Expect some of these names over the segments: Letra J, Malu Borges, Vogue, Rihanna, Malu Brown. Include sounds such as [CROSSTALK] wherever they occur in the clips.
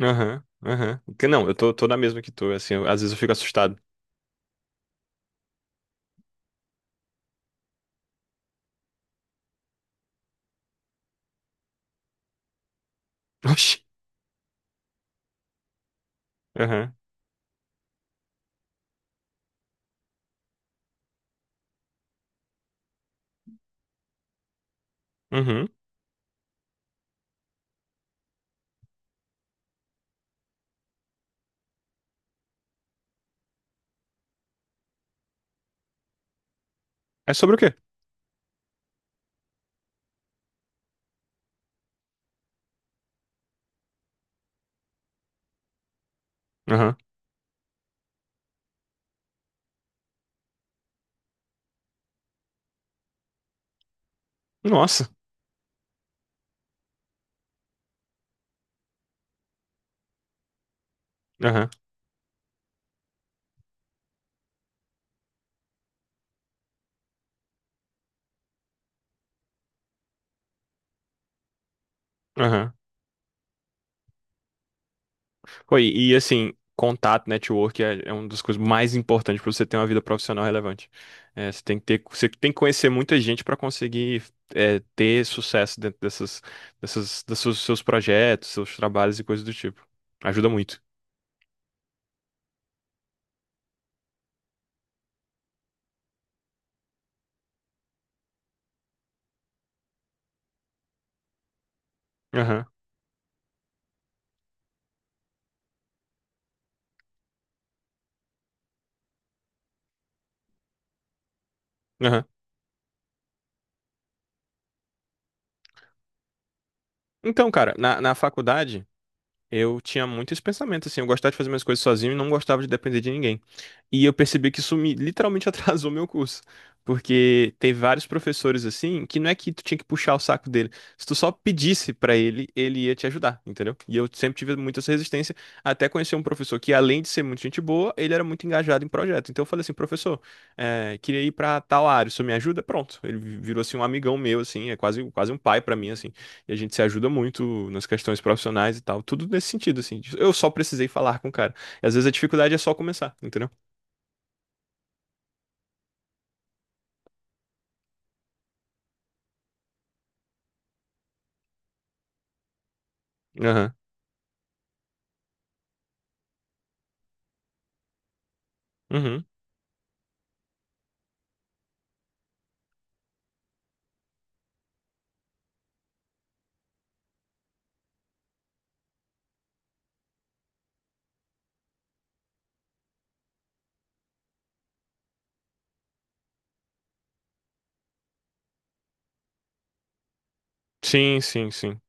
Aham, aham. Não, eu tô na mesma que tu, assim, eu- às vezes eu fico assustado. [LAUGHS] Oxi. Aham, uhum. É sobre o quê? Aham. Nossa. Aham, aham. Pô, assim, contato, network é uma das coisas mais importantes pra você ter uma vida profissional relevante. É, você tem que ter, você tem que conhecer muita gente pra conseguir ter sucesso dentro dessas, desses seus projetos, seus trabalhos e coisas do tipo. Ajuda muito. Aham, aham. Então, cara, na faculdade. Eu tinha muito esse pensamento, assim, eu gostava de fazer minhas coisas sozinho e não gostava de depender de ninguém. E eu percebi que isso me literalmente [LAUGHS] atrasou meu curso. Porque tem vários professores, assim, que não é que tu tinha que puxar o saco dele. Se tu só pedisse pra ele, ele ia te ajudar, entendeu? E eu sempre tive muita essa resistência, até conhecer um professor que, além de ser muito gente boa, ele era muito engajado em projeto. Então eu falei assim, professor, queria ir pra tal área, o senhor me ajuda? Pronto. Ele virou, assim, um amigão meu, assim, é quase, quase um pai pra mim, assim. E a gente se ajuda muito nas questões profissionais e tal. Tudo nesse sentido, assim. Eu só precisei falar com o cara. E às vezes a dificuldade é só começar, entendeu? Aham. Uhum. Sim, sim, sim.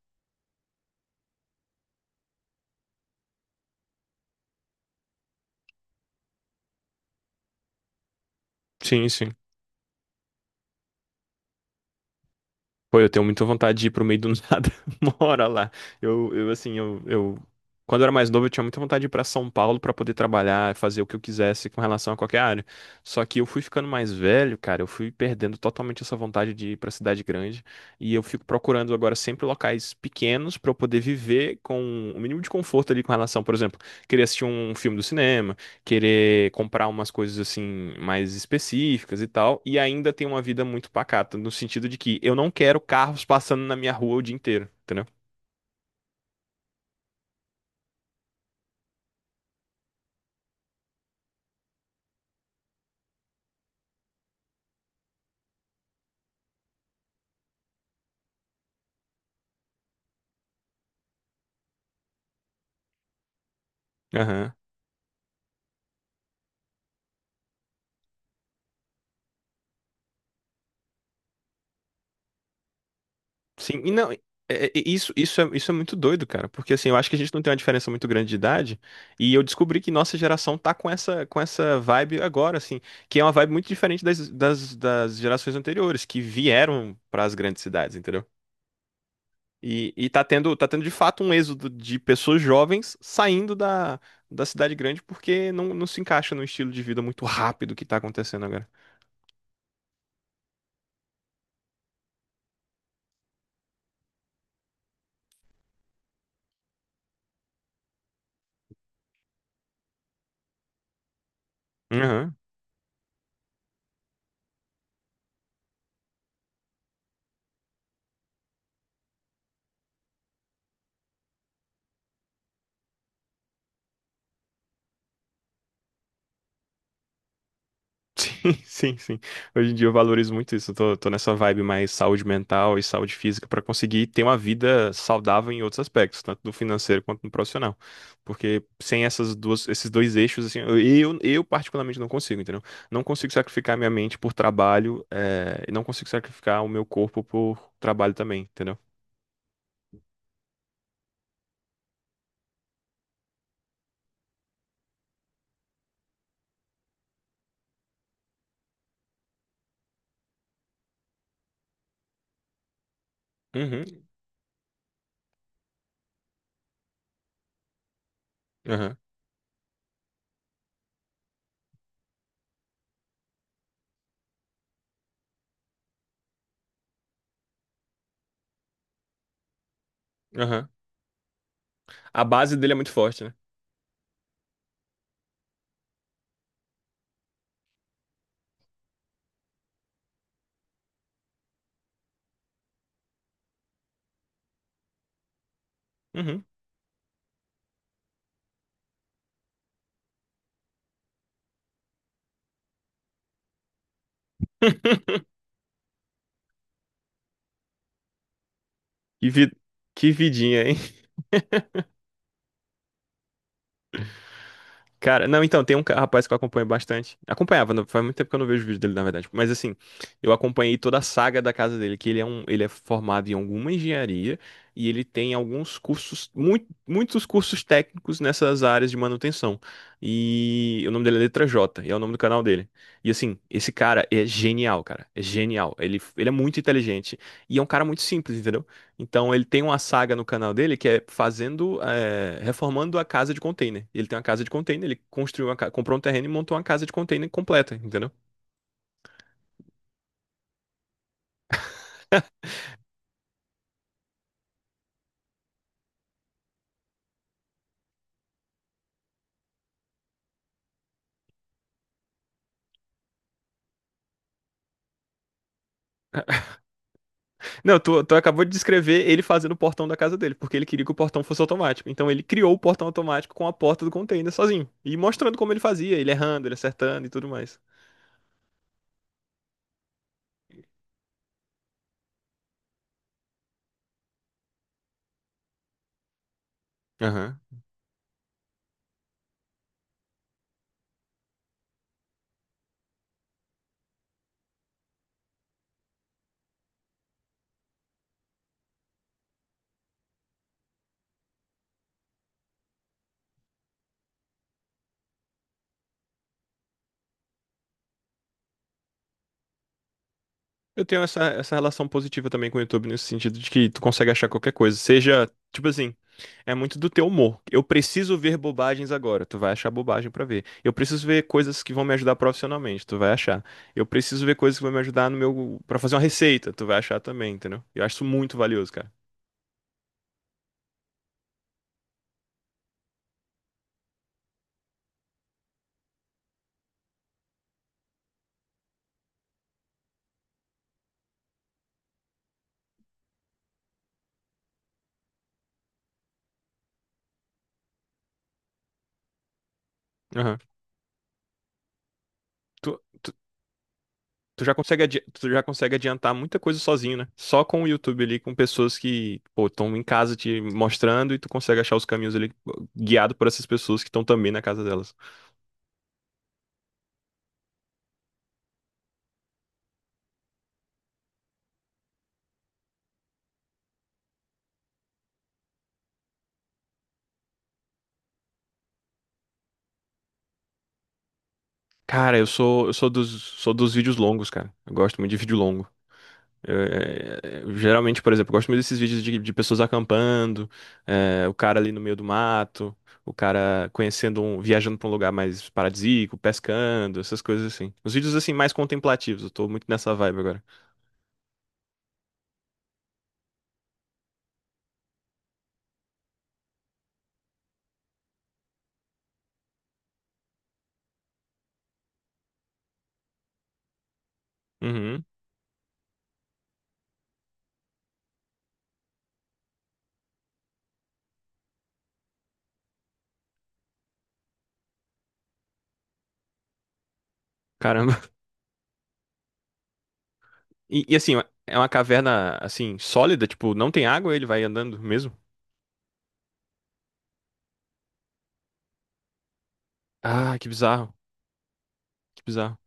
Sim, sim. Pô, eu tenho muita vontade de ir pro meio do nada, [LAUGHS] uma hora lá. Eu assim, eu... Quando eu era mais novo, eu tinha muita vontade de ir pra São Paulo pra poder trabalhar, fazer o que eu quisesse com relação a qualquer área. Só que eu fui ficando mais velho, cara, eu fui perdendo totalmente essa vontade de ir pra cidade grande. E eu fico procurando agora sempre locais pequenos pra eu poder viver com o mínimo de conforto ali com relação, por exemplo, queria assistir um filme do cinema, querer comprar umas coisas assim mais específicas e tal, e ainda tem uma vida muito pacata, no sentido de que eu não quero carros passando na minha rua o dia inteiro, entendeu? Aham. Sim, e não, isso, isso é muito doido, cara, porque assim, eu acho que a gente não tem uma diferença muito grande de idade, e eu descobri que nossa geração tá com essa vibe agora, assim, que é uma vibe muito diferente das, das gerações anteriores, que vieram para as grandes cidades, entendeu? E tá tendo de fato um êxodo de pessoas jovens saindo da, da cidade grande porque não, não se encaixa no estilo de vida muito rápido que tá acontecendo agora. Uhum. Sim, [LAUGHS] sim, sim. Hoje em dia eu valorizo muito isso. Eu tô nessa vibe mais saúde mental e saúde física pra conseguir ter uma vida saudável em outros aspectos, tanto no financeiro quanto no profissional. Porque sem essas duas, esses dois eixos, assim, eu particularmente não consigo, entendeu? Não consigo sacrificar minha mente por trabalho, e não consigo sacrificar o meu corpo por trabalho também, entendeu? Uhum, aham, aham. A base dele é muito forte, né? Uhum. Que vi- que vidinha, hein? Cara, não, então, tem um rapaz que eu acompanho bastante. Acompanhava, não- faz muito tempo que eu não vejo o vídeo dele, na verdade. Mas assim, eu acompanhei toda a saga da casa dele, que ele é um, ele é formado em alguma engenharia e ele tem alguns cursos, muito, muitos cursos técnicos nessas áreas de manutenção. E o nome dele é Letra J, e é o nome do canal dele. E assim, esse cara é genial, cara. É genial. Ele é muito inteligente e é um cara muito simples, entendeu? Então ele tem uma saga no canal dele que é fazendo, é, reformando a casa de container. Ele tem uma casa de container, ele construiu uma, comprou um terreno e montou uma casa de container completa, entendeu? Não, tu acabou de descrever ele fazendo o portão da casa dele, porque ele queria que o portão fosse automático. Então ele criou o portão automático com a porta do container sozinho e mostrando como ele fazia, ele errando, ele acertando e tudo mais. Aham. Eu tenho essa, essa relação positiva também com o YouTube, nesse sentido de que tu consegue achar qualquer coisa. Seja, tipo assim, é muito do teu humor. Eu preciso ver bobagens agora. Tu vai achar bobagem pra ver. Eu preciso ver coisas que vão me ajudar profissionalmente. Tu vai achar. Eu preciso ver coisas que vão me ajudar no meu, para fazer uma receita. Tu vai achar também, entendeu? Eu acho isso muito valioso, cara. Aham. Tu, Tu já consegue, tu já consegue adiantar muita coisa sozinho, né? Só com o YouTube ali, com pessoas que, pô, estão em casa te mostrando e tu consegue achar os caminhos ali guiado por essas pessoas que estão também na casa delas. Cara, eu sou dos vídeos longos, cara. Eu gosto muito de vídeo longo. É, geralmente, por exemplo, eu gosto muito desses vídeos de pessoas acampando, é, o cara ali no meio do mato, o cara conhecendo um, viajando pra um lugar mais paradisíaco, pescando, essas coisas assim. Os vídeos assim mais contemplativos, eu tô muito nessa vibe agora. Uhum. Caramba. Assim, é uma caverna, assim, sólida, tipo, não tem água, ele vai andando mesmo? Ah, que bizarro. Que bizarro.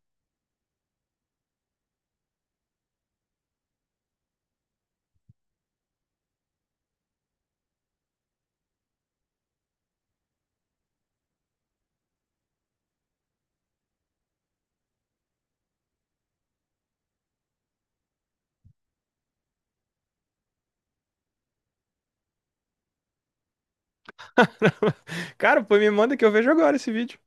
[LAUGHS] Cara, pô, me manda que eu vejo agora esse vídeo.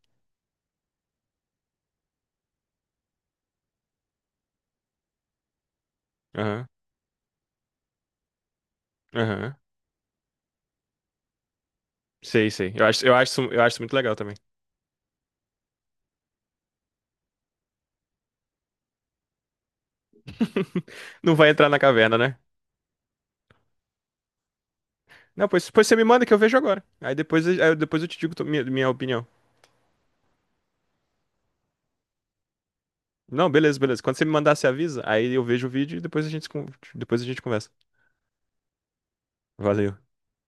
Aham, aham. Sei, sei. Eu acho, eu acho isso muito legal também. [LAUGHS] Não vai entrar na caverna, né? Não, pois você me manda que eu vejo agora. Aí depois, depois eu te digo minha, minha opinião. Não, beleza, beleza. Quando você me mandar, você avisa. Aí eu vejo o vídeo e depois a gente, se con- depois a gente conversa. Valeu.